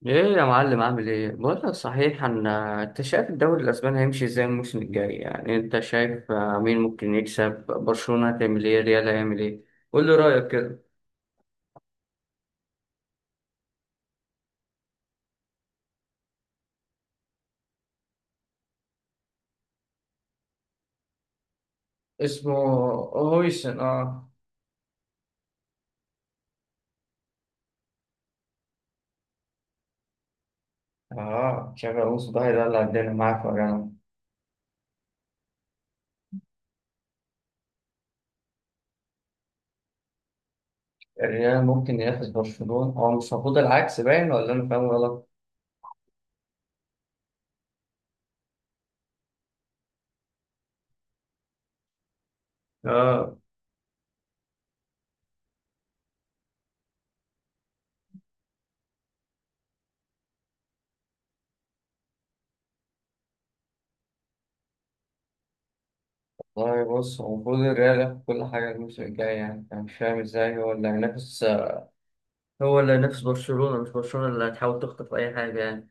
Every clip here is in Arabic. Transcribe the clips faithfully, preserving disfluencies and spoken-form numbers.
ايه يا معلم، عامل ايه؟ بقول لك، صحيح ان انت شايف الدوري الاسباني هيمشي ازاي الموسم الجاي؟ يعني انت شايف آه، مين ممكن يكسب؟ برشلونة هتعمل ايه؟ ريال هيعمل ايه؟ قول لي رايك كده. اسمه هويسن، اه. اه، تشابي الونسو ده هيدلع الدنيا معاك يا جماعه. الريال ممكن ينافس برشلونة؟ هو مش المفروض العكس باين ولا انا فاهم غلط؟ اه والله، بص، هو المفروض الريال ياخد كل حاجة الموسم الجاي، يعني أنا مش فاهم إزاي هو اللي هينافس آه، هو اللي نفس برشلونة، مش برشلونة اللي هتحاول تخطف أي حاجة يعني.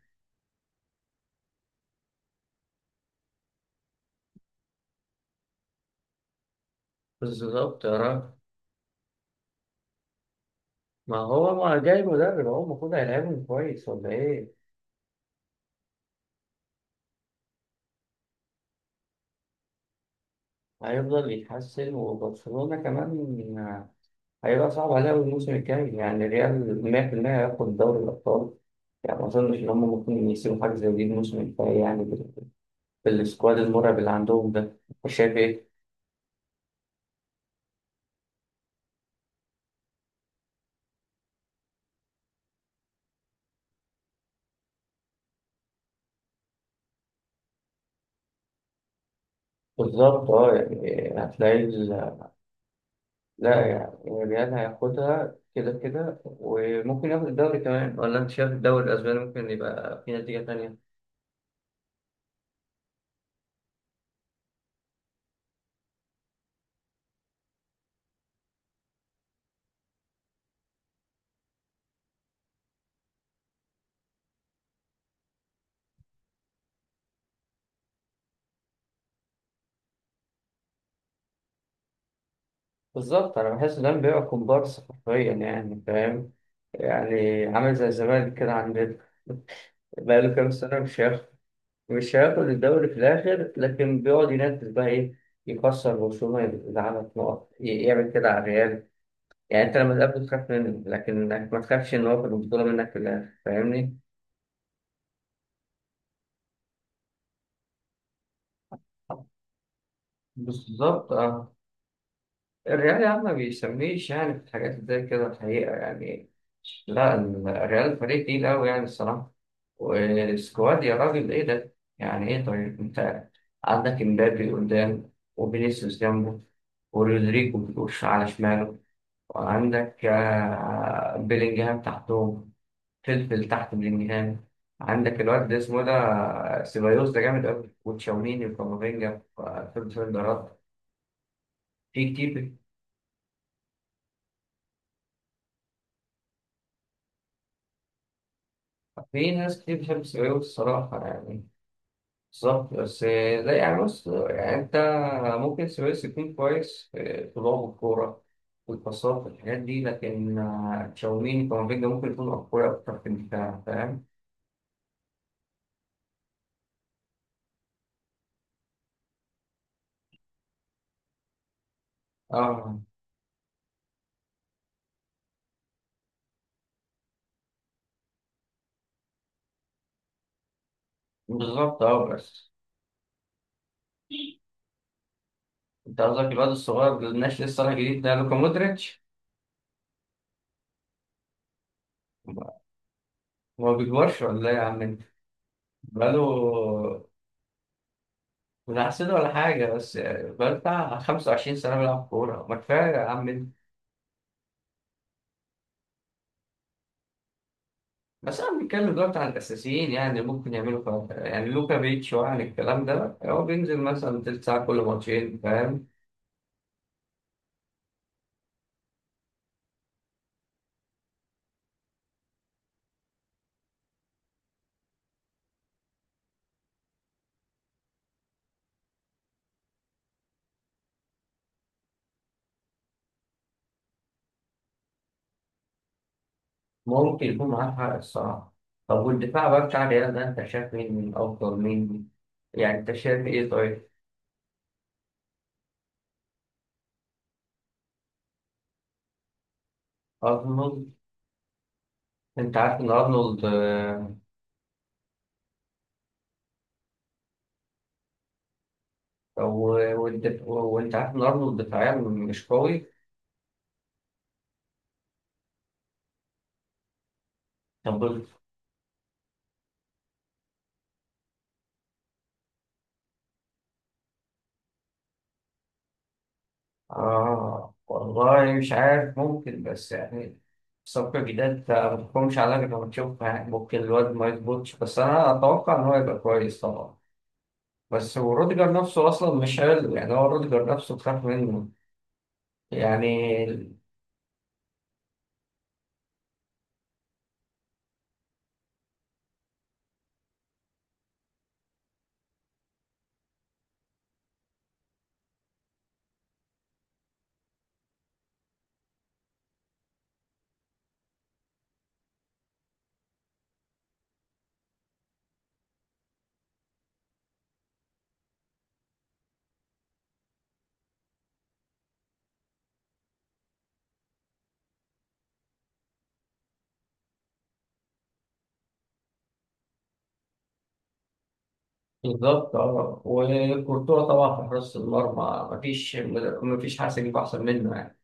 بالظبط يا راجل. ما هو ما جاي مدرب، هو المفروض هيلعبهم كويس ولا إيه؟ هيفضل يتحسن، وبرشلونة كمان هيبقى صعب عليها الموسم الجاي، يعني الريال مية في المية هياخد دوري الأبطال. يعني ما أظنش إن هم ممكن يسيبوا حاجة زي دي الموسم الجاي، يعني بال- بالسكواد المرعب اللي عندهم ده. مش شايف إيه؟ بالظبط أه، يعني هتلاقي، لا يعني الريال هياخدها كده كده، وممكن ياخد الدوري كمان. ولا انت شايف الدوري الاسباني ممكن يبقى في نتيجة تانية؟ بالظبط، انا بحس ده بيبقى كومبارس حرفيا يعني، فاهم؟ يعني عامل زي الزمالك كده عندنا، بقاله كام سنة مش هياخد مش هياخد الدوري في الآخر، لكن بيقعد ينافس، بقى إيه، يكسر برشلونة، يزعلك نقط، ي- يعمل كده على الريال. يعني أنت لما تقابله تخاف منه، لكن إنك ما تخافش إن هو ياخد البطولة منك في الآخر، فاهمني؟ بالظبط اه. الريال يا عم ما بيسميش يعني في الحاجات زي كده الحقيقة يعني. لا ال- الريال فريق تقيل أوي يعني الصراحة. والسكواد يا راجل، إيه ده؟ يعني إيه؟ طيب أنت عندك إمبابي قدام، وفينيسيوس جنبه، ورودريجو بيخش على شماله، وعندك آه، بيلينجهام تحتهم، فلفل تحت بيلينجهام. عندك الواد ده اسمه ده آه، سيبايوس، ده جامد أوي، وتشاوميني وكامافينجا في الدفاع. في كتير في ناس كتير بتحب السبايوي الصراحة يعني. بالظبط، بس لا يعني، بص يعني، أنت ممكن السبايوي يكون كويس في في لعب الكورة والباصات والحاجات دي، لكن آه، تشاوميني كامافينجا ممكن يكون أقوياء أكتر في الدفاع، فاهم؟ أه. بالظبط أه بس. أنت قصدك الواد الصغير اللي الناشئ لسه طالع جديد ده، لوكا مودريتش؟ ما بيكبرش ولا إيه يا عم أنت؟ بقاله، من أحسن ولا حاجة، بس يعني بقاله بتاع خمس وعشرين سنة بيلعب كورة، ما كفاية يا عم. بس انا بنتكلم دلوقتي عن الاساسيين، يعني ممكن يعملوا فرق، يعني لوكا بيتش وعن الكلام ده، هو بينزل مثلا تلت ساعه كل ماتشين، فاهم؟ ممكن يكون معاه حق الصراحه. طب والدفاع بقى بتاع الريال ده، انت شايف مين من افضل مين؟ يعني انت شايف ايه؟ طيب. ارنولد. انت عارف ان ارنولد آه، و- والدف- وانت عارف ان ارنولد دفاعيا مش قوي. طب آه والله مش عارف، ممكن، بس يعني صفقة جديدة أنت ما تحكمش عليها غير لما تشوفها، يعني ممكن الواد ما يظبطش، بس أنا أتوقع إن هو يبقى كويس طبعا. بس هو روديجر نفسه أصلا مش حلو، يعني هو روديجر نفسه بخاف منه يعني. بالظبط أه. وكورتوا طبعا في حراسة المرمى، مفيش مفيش حاسس يجيب أحسن منه يعني.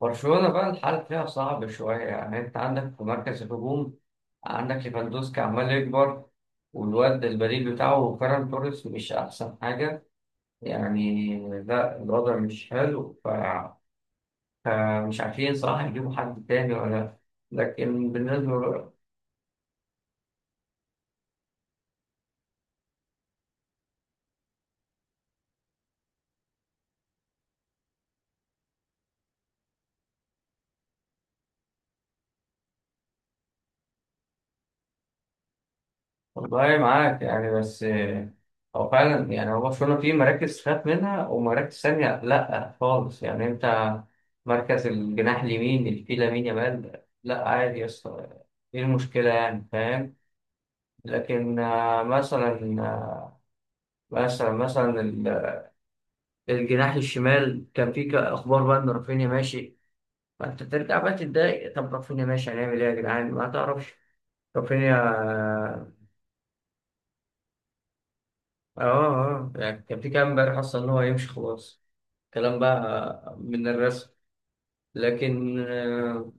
برشلونة بقى الحال فيها صعب شوية، يعني أنت عندك في مركز الهجوم، عندك ليفاندوسكي عمال يكبر، والواد البديل بتاعه فيران توريس مش أحسن حاجة يعني. لا، الوضع مش حلو، ف- فمش عارفين صراحة يجيبوا حد تاني ولا. لكن بالنسبة، والله معاك يعني، بس آه، هو فعلا يعني هو برشلونة فيه مراكز خاف منها ومراكز ثانية لأ خالص، يعني أنت مركز الجناح اليمين اللي فيه لامين يامال، لأ عادي يا اسطى، إيه المشكلة يعني، فاهم؟ لكن آه، مثلا آه، مثلا مثلا ال- الجناح الشمال كان فيه ك- أخبار بقى إن رافينيا ماشي، فأنت ترجع بقى تتضايق، طب رافينيا ماشي هنعمل إيه يا جدعان؟ ما تعرفش رافينيا؟ اه. اه، آه، يعني كان في كلام امبارح اصلا ان هو يمشي خلاص، كلام بقى من الرسم. لكن آه،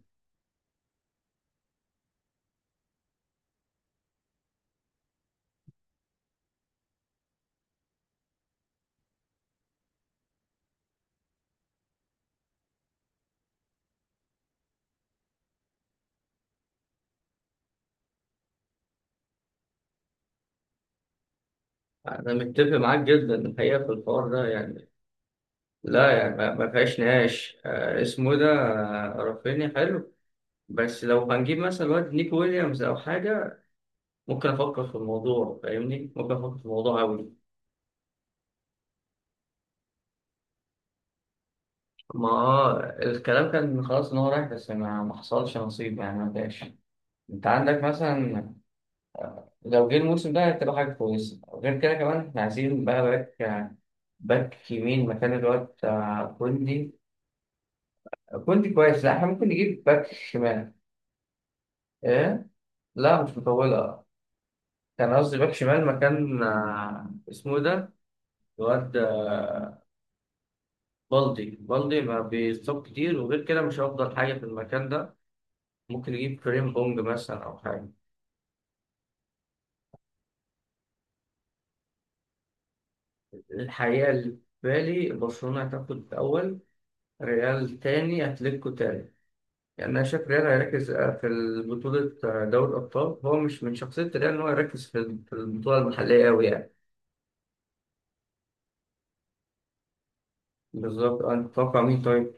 انا متفق معاك جدا الحقيقه في الحوار ده يعني. لا يعني ما ما فيهاش نقاش آه، اسمه ده آه، رافينيا حلو، بس لو هنجيب مثلا واد نيكو ويليامز او حاجه ممكن افكر في الموضوع، فاهمني؟ ممكن افكر في الموضوع قوي. ما آه، الكلام كان خلاص ان هو رايح، بس ما ما حصلش نصيب يعني ما جاش. انت عندك مثلا، لو جه الموسم ده هتبقى حاجه كويسه، غير كده كمان احنا عايزين بقى باك آه، باك يمين مكان الواد بتاع كوندي. كوندي كويس، لا احنا ممكن نجيب باك شمال. ايه، لا مش مطولة. كان قصدي باك شمال مكان آه، اسمه إيه ده، الواد آه، بالدي بالدي ما بيصاب كتير، وغير كده مش هيفضل حاجة في المكان ده. ممكن نجيب كريم بونج مثلا أو حاجة. الحقيقة اللي في بالي، برشلونة هتاخد الأول، ريال تاني، أتلتيكو تالت. يعني أنا شايف ريال هيركز آه، في بطولة دوري الأبطال، هو مش من شخصية ريال إن هو يركز في في البطولة المحلية أوي يعني. بالظبط أه، انت تتوقع مين طيب؟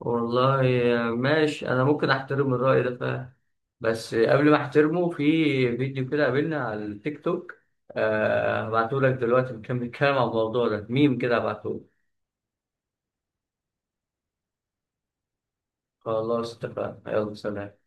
والله ماشي، انا ممكن احترم الرأي ده فعلا، بس قبل ما احترمه، في فيديو كده قابلنا على التيك توك، آه هبعته لك دلوقتي، بنكمل الكلام عن الموضوع ده، ميم كده، هبعته لك. خلاص اتفقنا، يلا سلام.